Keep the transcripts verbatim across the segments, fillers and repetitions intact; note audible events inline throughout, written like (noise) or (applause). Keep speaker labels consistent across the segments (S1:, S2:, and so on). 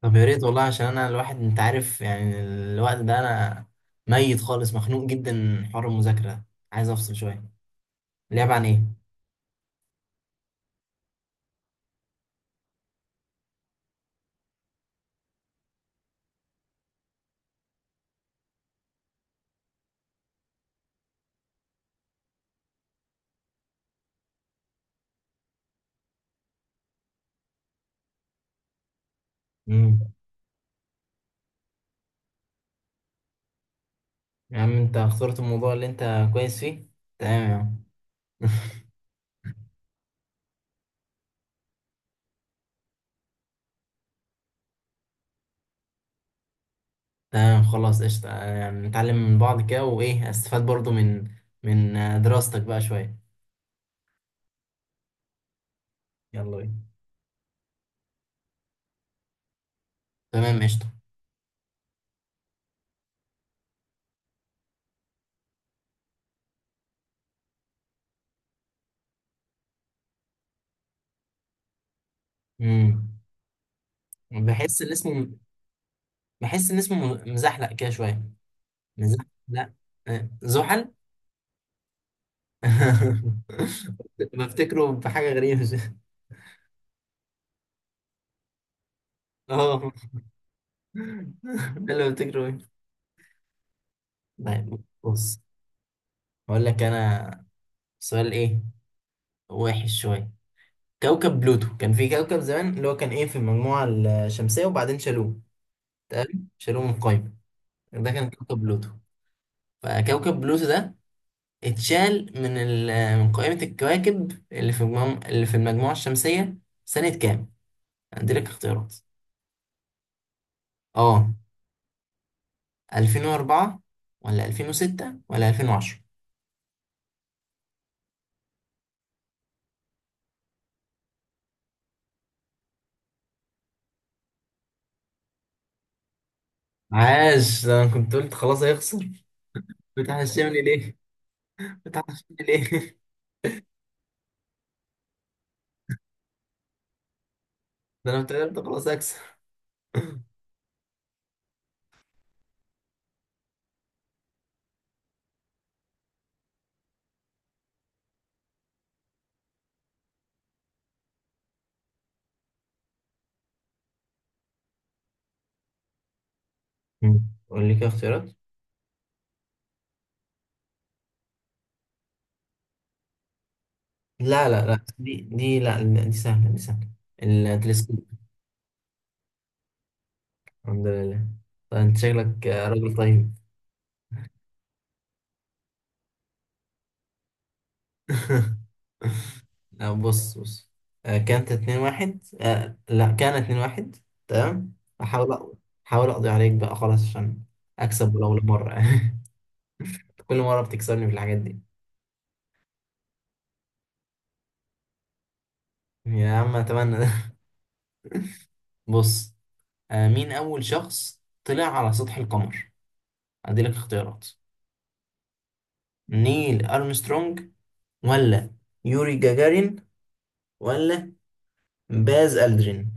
S1: طب، يا ريت والله، عشان انا الواحد، انت عارف، يعني الوقت ده انا ميت خالص، مخنوق جدا من حوار المذاكرة ده. عايز افصل شوية. اللعب عن ايه؟ امم. يا عم، انت اخترت الموضوع اللي انت كويس فيه. تمام يا عم. (laughs) تمام، خلاص قشطة، يعني نتعلم من بعض كده. وايه استفاد برضو من من دراستك بقى شوية؟ يلا بينا. تمام قشطة. امم. بحس ان اسمه بحس ان اسمه مزحلق كده شوية. مزحلق. آه، زحل. (laughs) بفتكره بحاجة غريبة. (laughs) اه، ده اللي بفتكره ايه. طيب بص، هقول لك انا سؤال. ايه وحش شوية. كوكب بلوتو، كان في كوكب زمان اللي هو كان ايه، في المجموعة الشمسية، وبعدين شالوه. تمام، شالوه من القايمة. ده كان كوكب بلوتو. فكوكب بلوتو ده اتشال من ال- من قائمة الكواكب اللي في المجموعة اللي في المجموعة الشمسية، سنة كام؟ هديلك اختيارات. اه، ألفين وأربعة ولا ألفين وستة ولا ألفين وعشرة؟ عاش، ده انا كنت قلت خلاص هيخسر. فتح الشمل ليه، فتح الشمل ليه. (laughs) ده انا افتكرت خلاص هكسب. مم. قول لي كده اختيارات. لا لا لا، دي دي لا لا، دي سهلة دي سهلة. التلسكوب. الحمد لله. طيب انت شكلك آه، راجل طيب. (laughs) لا، بص بص. آه، كانت اتنين واحد، آه، لا، كانت اتنين واحد. تمام. احاول احاول اقضي عليك بقى خلاص، عشان اكسب ولو مرة. (laughs) كل مرة بتكسرني في الحاجات دي. يا عم أتمنى ده. (laughs) بص، آه، مين أول شخص طلع على سطح القمر؟ أديلك اختيارات. نيل أرمسترونج، ولا يوري جاجارين، ولا باز ألدرين.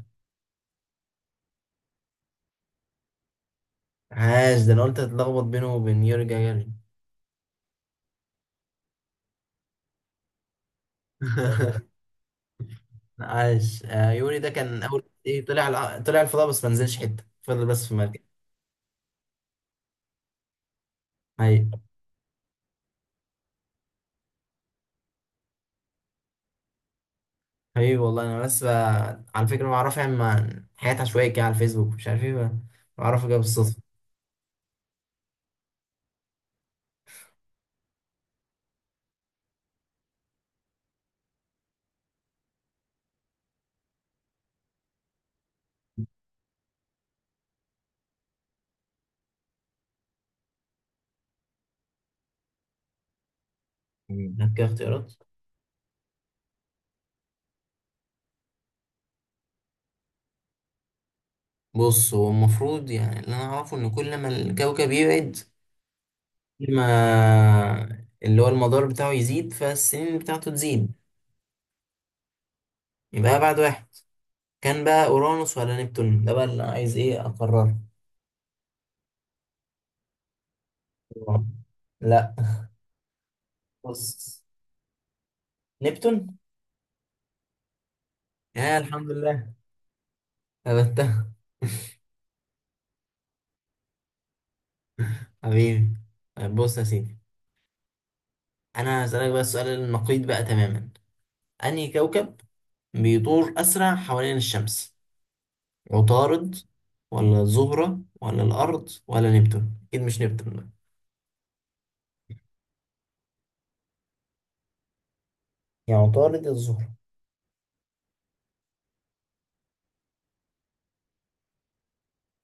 S1: عاش، ده أنا قلت هتلخبط بينه وبين يوري جاجارين. (laughs) عاش. آه، يوري ده كان أول إيه، طلع على- طلع الفضاء بس ما نزلش حتة، فضل بس في مركز. أيوة. حبيبي والله. أنا بس بقى، على فكرة، مع رافع عن حاجات عشوائية كده على الفيسبوك، مش عارف إيه بقى. بعرفك كده بالصدفة. مم. هات كده اختيارات. بص، هو المفروض يعني اللي انا اعرفه، ان كل ما الكوكب يبعد، كل ما اللي هو المدار بتاعه يزيد، فالسنين بتاعته تزيد. يبقى ابعد واحد. كان بقى اورانوس ولا نبتون ده بقى، اللي أنا عايز ايه اقرره. آه. لا، بص، نبتون. يا الحمد لله. ثبتها. حبيبي. طيب بص يا سيدي، انا هسألك بقى السؤال النقيض بقى تماما. انهي كوكب بيدور اسرع حوالين الشمس؟ عطارد، ولا الزهرة، ولا الأرض، ولا نبتون؟ أكيد مش نبتون بقى. يا عطارد يا الزهرة.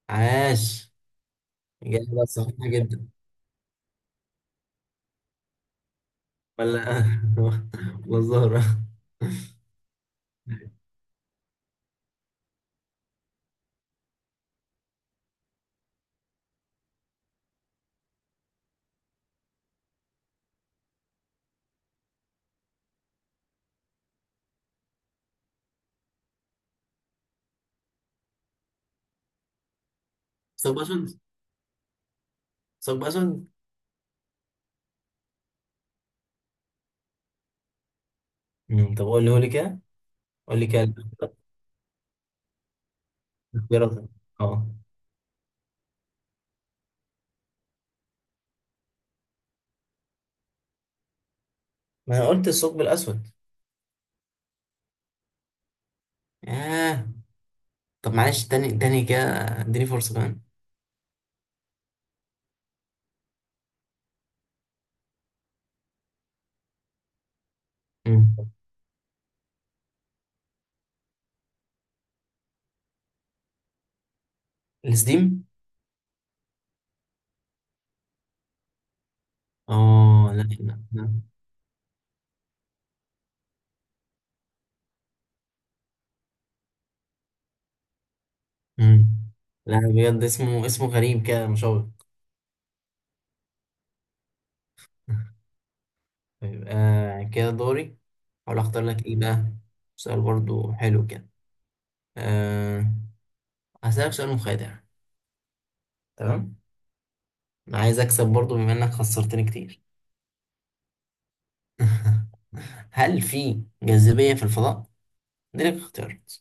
S1: عاش. إجابة صحيحة جدا. ولا (laughs) ولا الزهرة. ثقب أسود. ثقب أسود. مم، طب قول لي، قول لي كده. قول لي كده الاختيارات. اه. ما انا قلت الثقب الاسود. ياه. طب معلش، تاني تاني كده، اديني فرصة كمان. مم. السديم. اه لا لا لا. مم. لا بجد، اسمه اسمه غريب كده، مشوق. (laughs) يبقى كده دوري. احاول اختار لك ايه بقى. سؤال برضو حلو كده. أه، هسألك سؤال مخادع. تمام. انا عايز اكسب برضو، بما انك خسرتني كتير. (laughs) هل في جاذبية في الفضاء؟ دي لك اختيارات.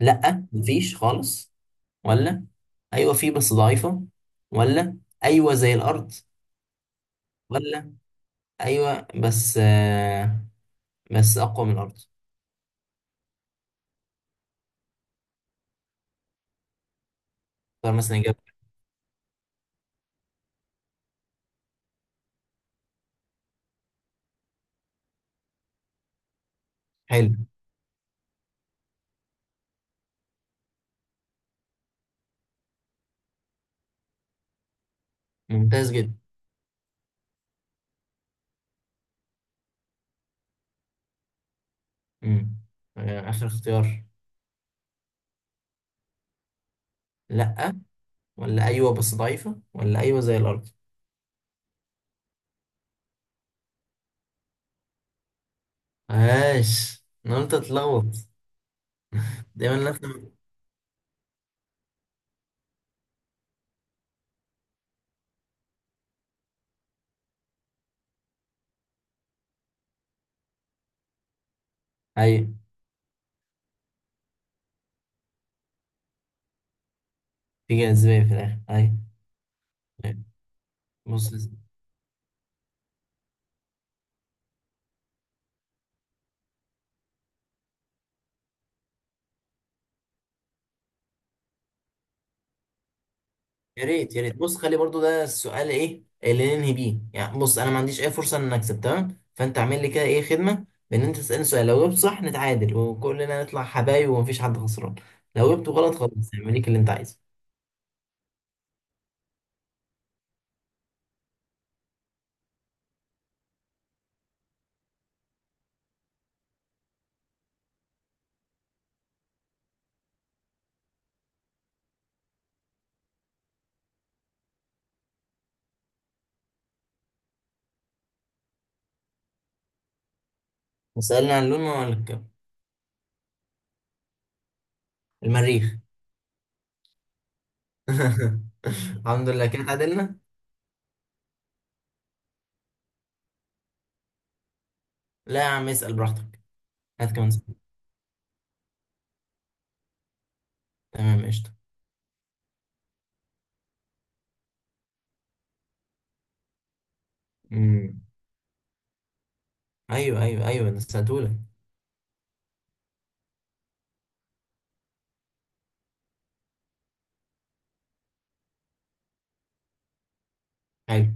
S1: لا، مفيش خالص، ولا ايوه في بس ضعيفة، ولا ايوه زي الارض، ولا ايوه بس آه بس اقوى من الارض. اختار مثلا اجابة. حلو. ممتاز جدا. مم. آه، اخر اختيار. لا، ولا أيوة بس ضعيفة، ولا أيوة زي الأرض. عاش، أنا قلت أتلخبط. دايما الناس لما- أيوة، في جاذبية في الآخر، أيوة. أيوة. بص يا سيدي، يا ريت يا ريت، بص، خلي برضو ده السؤال إيه اللي ننهي بيه، يعني بص أنا ما عنديش أي فرصة إن أكسب، تمام؟ فأنت اعمل لي كده إيه، خدمة، بإن أنت تسألني سؤال، لو جبت صح نتعادل وكلنا نطلع حبايب ومفيش حد خسران. لو جبته غلط خلاص، اعمل ليك اللي أنت عايزه. وسألنا عن لون ولا؟ المريخ. (laughs) الحمد لله، كده اتعادلنا. لا يا عم اسأل براحتك. هات كمان. تمام قشطة. امم. ايوه ايوه ايوه، انا سألتهولك. حلو.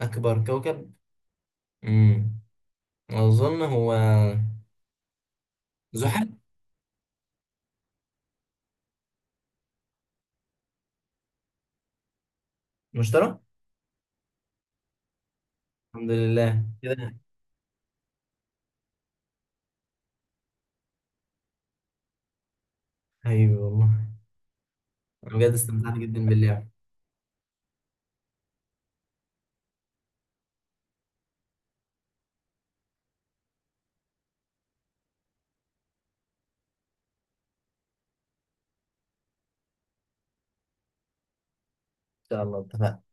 S1: اكبر كوكب. امم اظن هو زحل. المشتري. الحمد لله كده. حبيبي والله. انا بجد استمتعت جدا باللعب. ان شاء الله اتفقنا.